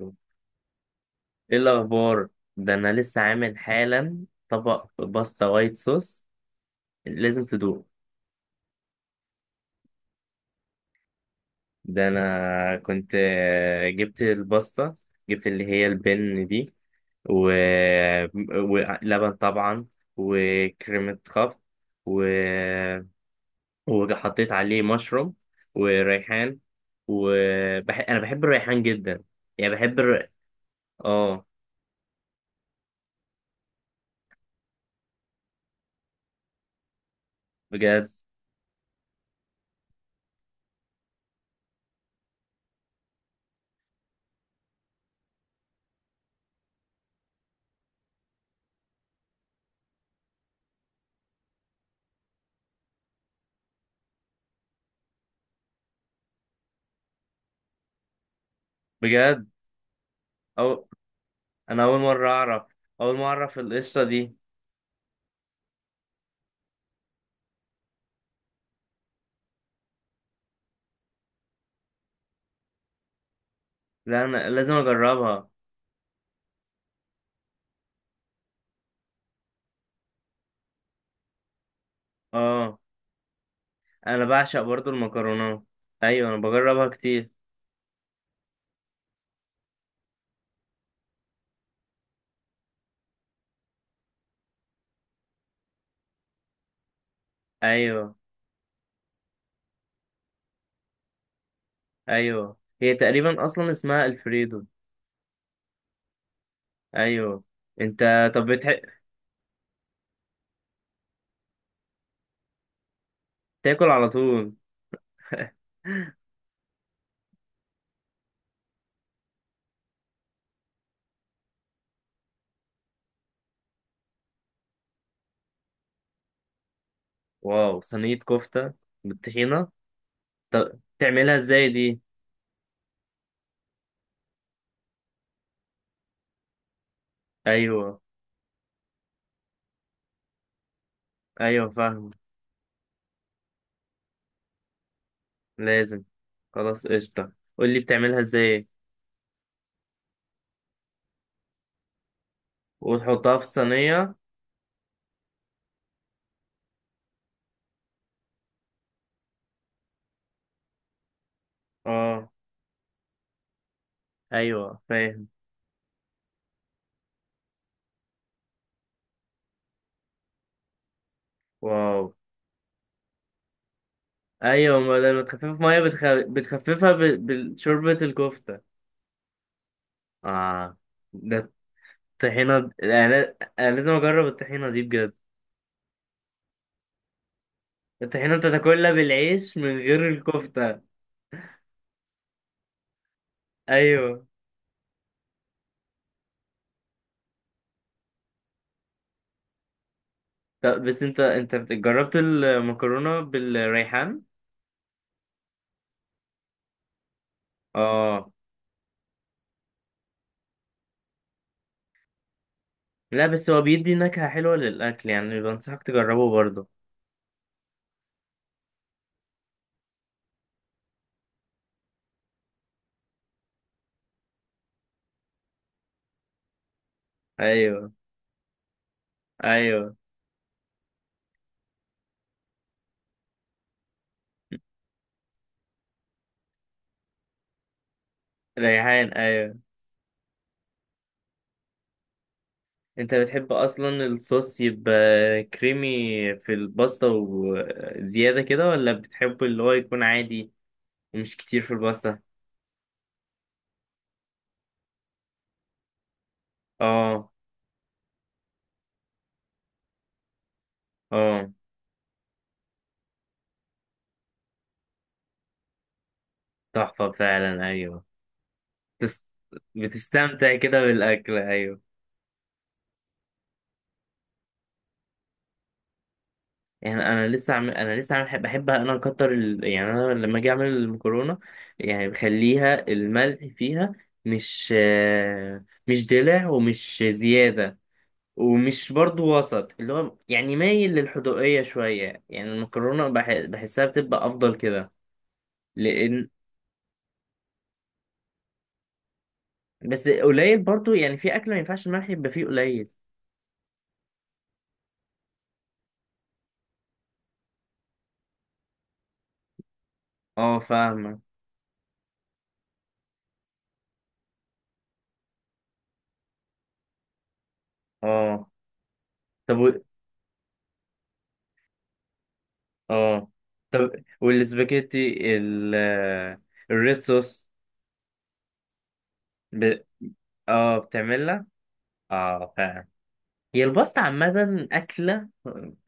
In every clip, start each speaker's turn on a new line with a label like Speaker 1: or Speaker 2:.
Speaker 1: ايه الاخبار؟ ده انا لسه عامل حالا طبق باستا وايت صوص. لازم تدوق. ده انا كنت جبت الباستا، جبت اللي هي البن دي، و... ولبن طبعا، وكريمة خفق، و... وحطيت عليه مشروم وريحان. انا بحب الريحان جدا، يعني بحب اه، بجد؟ بجد؟ أو... انا اول مرة اعرف القشطة دي. لا، انا لازم اجربها. اه، انا بعشق برضو المكرونات. ايوه، انا بجربها كتير. ايوه، ايوه، هي تقريبا اصلا اسمها الفريدو. ايوه. انت... طب تاكل على طول؟ واو، صينية كفتة بالطحينة؟ طب تعملها ازاي دي؟ ايوه، ايوه، فاهم. لازم. خلاص، قشطة. قولي بتعملها ازاي. وتحطها في الصينية. اه، ايوه، فاهم. واو. ايوه، ما لما تخفف ميه بتخففها بشوربة الكفتة. اه. ده الطحينة انا لازم اجرب الطحينة دي بجد. الطحينة انت تاكلها بالعيش من غير الكفتة؟ ايوه. طب، بس انت، جربت المكرونة بالريحان؟ اه. لا، بس هو بيدي نكهة حلوة للاكل، يعني بنصحك تجربه برضه. ايوه، ايوه. ريحان. ايوه. انت بتحب اصلا الصوص يبقى كريمي في الباستا وزيادة كده، ولا بتحب اللي هو يكون عادي ومش كتير في الباستا؟ اه، اه. تحفة فعلا، ايوه. بتس... بتستمتع كده بالاكل، ايوه. يعني انا لسه عامل، بحب انا اكتر يعني انا لما اجي اعمل المكرونة، يعني بخليها الملح فيها، مش دلع ومش زيادة، ومش برضو وسط اللي هو يعني مايل للحدوقية شوية. يعني المكرونة بحسها بتبقى أفضل كده، لأن... بس قليل برضو، يعني في أكل ما ينفعش الملح يبقى فيه قليل. اه، فاهمة. اه، طب، اه، طب، والسباجيتي الريد صوص. ب... اه، بتعملها. اه، فعلا. هي الباستا عامة أكلة،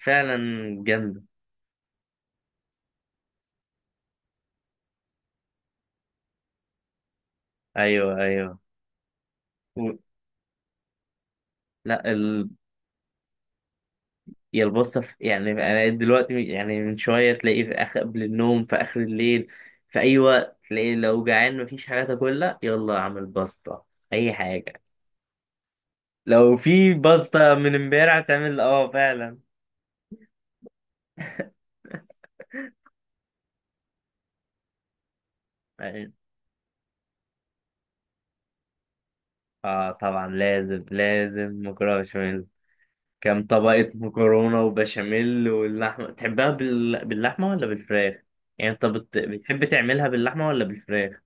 Speaker 1: فعلا، جامدة. أيوه، أيوه. و... لا. يا الباستا، يعني انا دلوقتي، يعني من شويه، تلاقيه في آخر قبل النوم، في اخر الليل. في اي وقت تلاقيه، لو جعان مفيش حاجه تاكلها يلا اعمل باستا. اي حاجه. لو في باستا من امبارح تعمل، اه، فعلا. يعني، اه، طبعا لازم لازم مكرونه بشاميل. كام طبقه مكرونه وبشاميل؟ واللحمه تحبها باللحمه ولا بالفراخ؟ يعني انت بتحب تعملها باللحمه ولا بالفراخ؟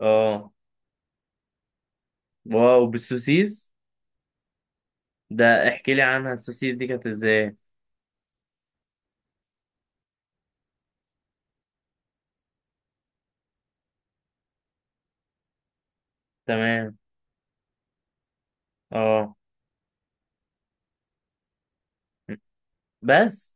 Speaker 1: اه، واو، بالسوسيس. ده احكي لي عنها، السوسيس دي كانت ازاي؟ تمام. اه. بس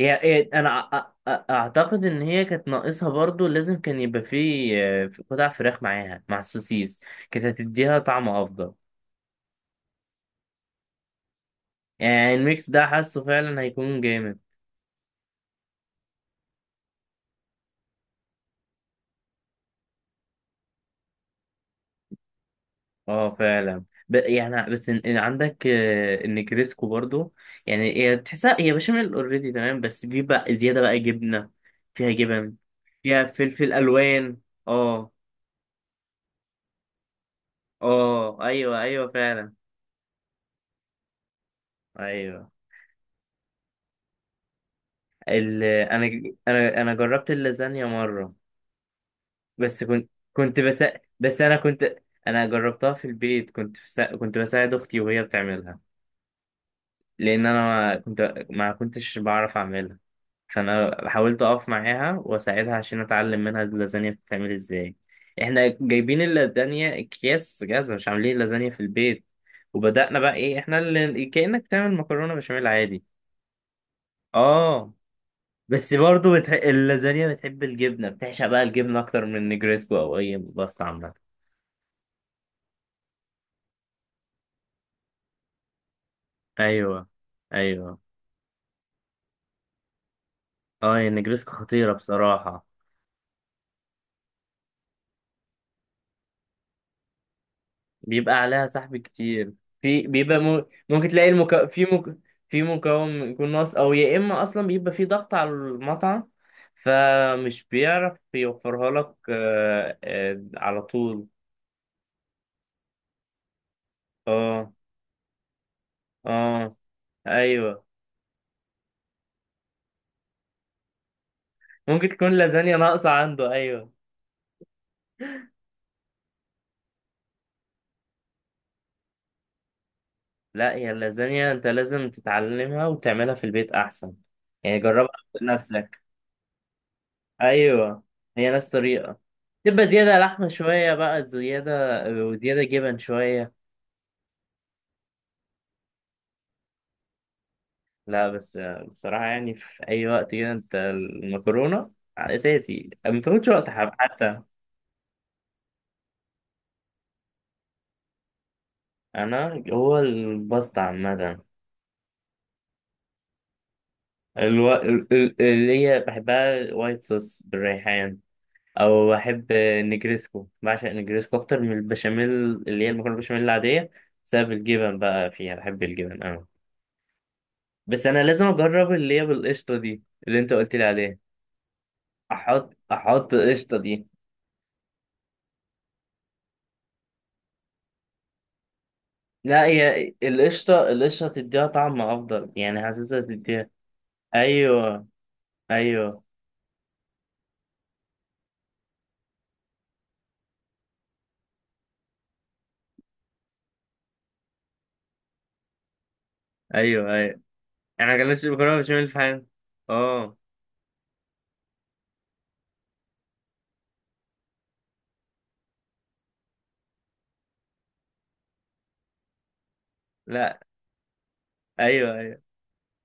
Speaker 1: انا اعتقد ان هي كانت ناقصها، برضو لازم كان يبقى فيه قطع فراخ معاها مع السوسيس، كانت هتديها طعم افضل. يعني الميكس ده حاسه فعلا هيكون جامد. اه، فعلا. يعني، بس إن عندك النجريسكو برضو، يعني هي تحسها هي بشاميل اوريدي، تمام، بس بيبقى زيادة بقى جبنة، فيها جبن، فيها فلفل الوان. اه، اه، ايوه، ايوه، فعلا، ايوه. ال... انا انا جربت اللازانيا مره، بس كنت، بس انا كنت... انا جربتها في البيت، كنت بساعد اختي وهي بتعملها، لان انا ما كنتش بعرف اعملها. فانا حاولت اقف معاها واساعدها عشان اتعلم منها اللازانيا بتتعمل ازاي. احنا جايبين اللازانيا اكياس جاهزه، مش عاملين اللازانيا في البيت. وبدأنا بقى ايه، احنا اللي كأنك تعمل مكرونه بشاميل عادي. اه، بس برضه اللازانيا بتحب الجبنة، بتعشق بقى الجبنة أكتر من النجريسكو أو أي باستا عامة. أيوه، أيوه. أه، هي النجريسكو خطيرة بصراحة. بيبقى عليها سحب كتير. في بيبقى ممكن تلاقي في في مكون يكون ناقص، أو يا إما أصلا بيبقى في ضغط على المطعم، فمش بيعرف يوفرها لك على طول. أه، أه، أيوه، ممكن تكون لازانيا ناقصة عنده، أيوه. لا، هي اللازانيا انت لازم تتعلمها وتعملها في البيت احسن، يعني جربها بنفسك. ايوه، هي نفس طريقه، تبقى زياده لحمه شويه، بقى زياده، وزياده جبن شويه. لا، بس بصراحه يعني في اي وقت كده، انت المكرونه اساسي ما تاخدش وقت، حتى... انا هو الباستا عامه. اللي هي بحبها وايت صوص بالريحان، او بحب النجريسكو، بعشق النجريسكو اكتر من البشاميل، اللي هي المكرونه البشاميل العاديه، بسبب الجبن بقى فيها، بحب الجبن أوي. بس انا لازم اجرب اللي هي بالقشطه دي اللي انت قلت لي عليها، احط القشطه دي. لا، هي القشطه تديها طعم افضل، يعني حاسسها تديها. ايوه، ايوه، ايوه، ايوه. انا ما جربتش المكرونه بالبشاميل في حياتي. اه. لا. ايوه، ايوه.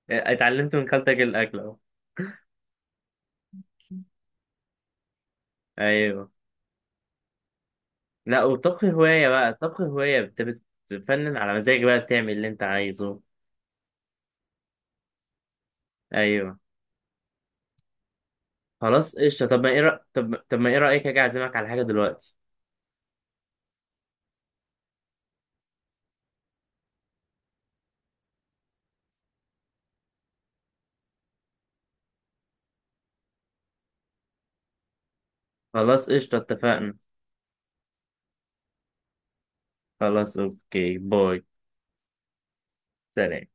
Speaker 1: اتعلمت من خالتك الاكل اهو. ايوه. لا، والطبخ هواية بقى، الطبخ هواية، انت بتفنن على مزاجك، بقى بتعمل اللي انت عايزه. ايوه. خلاص قشطة. طب، ما ايه طب ما ايه رأيك اجي اعزمك على حاجة دلوقتي؟ خلاص قشطة، اتفقنا. خلاص، اوكي، باي. سلام.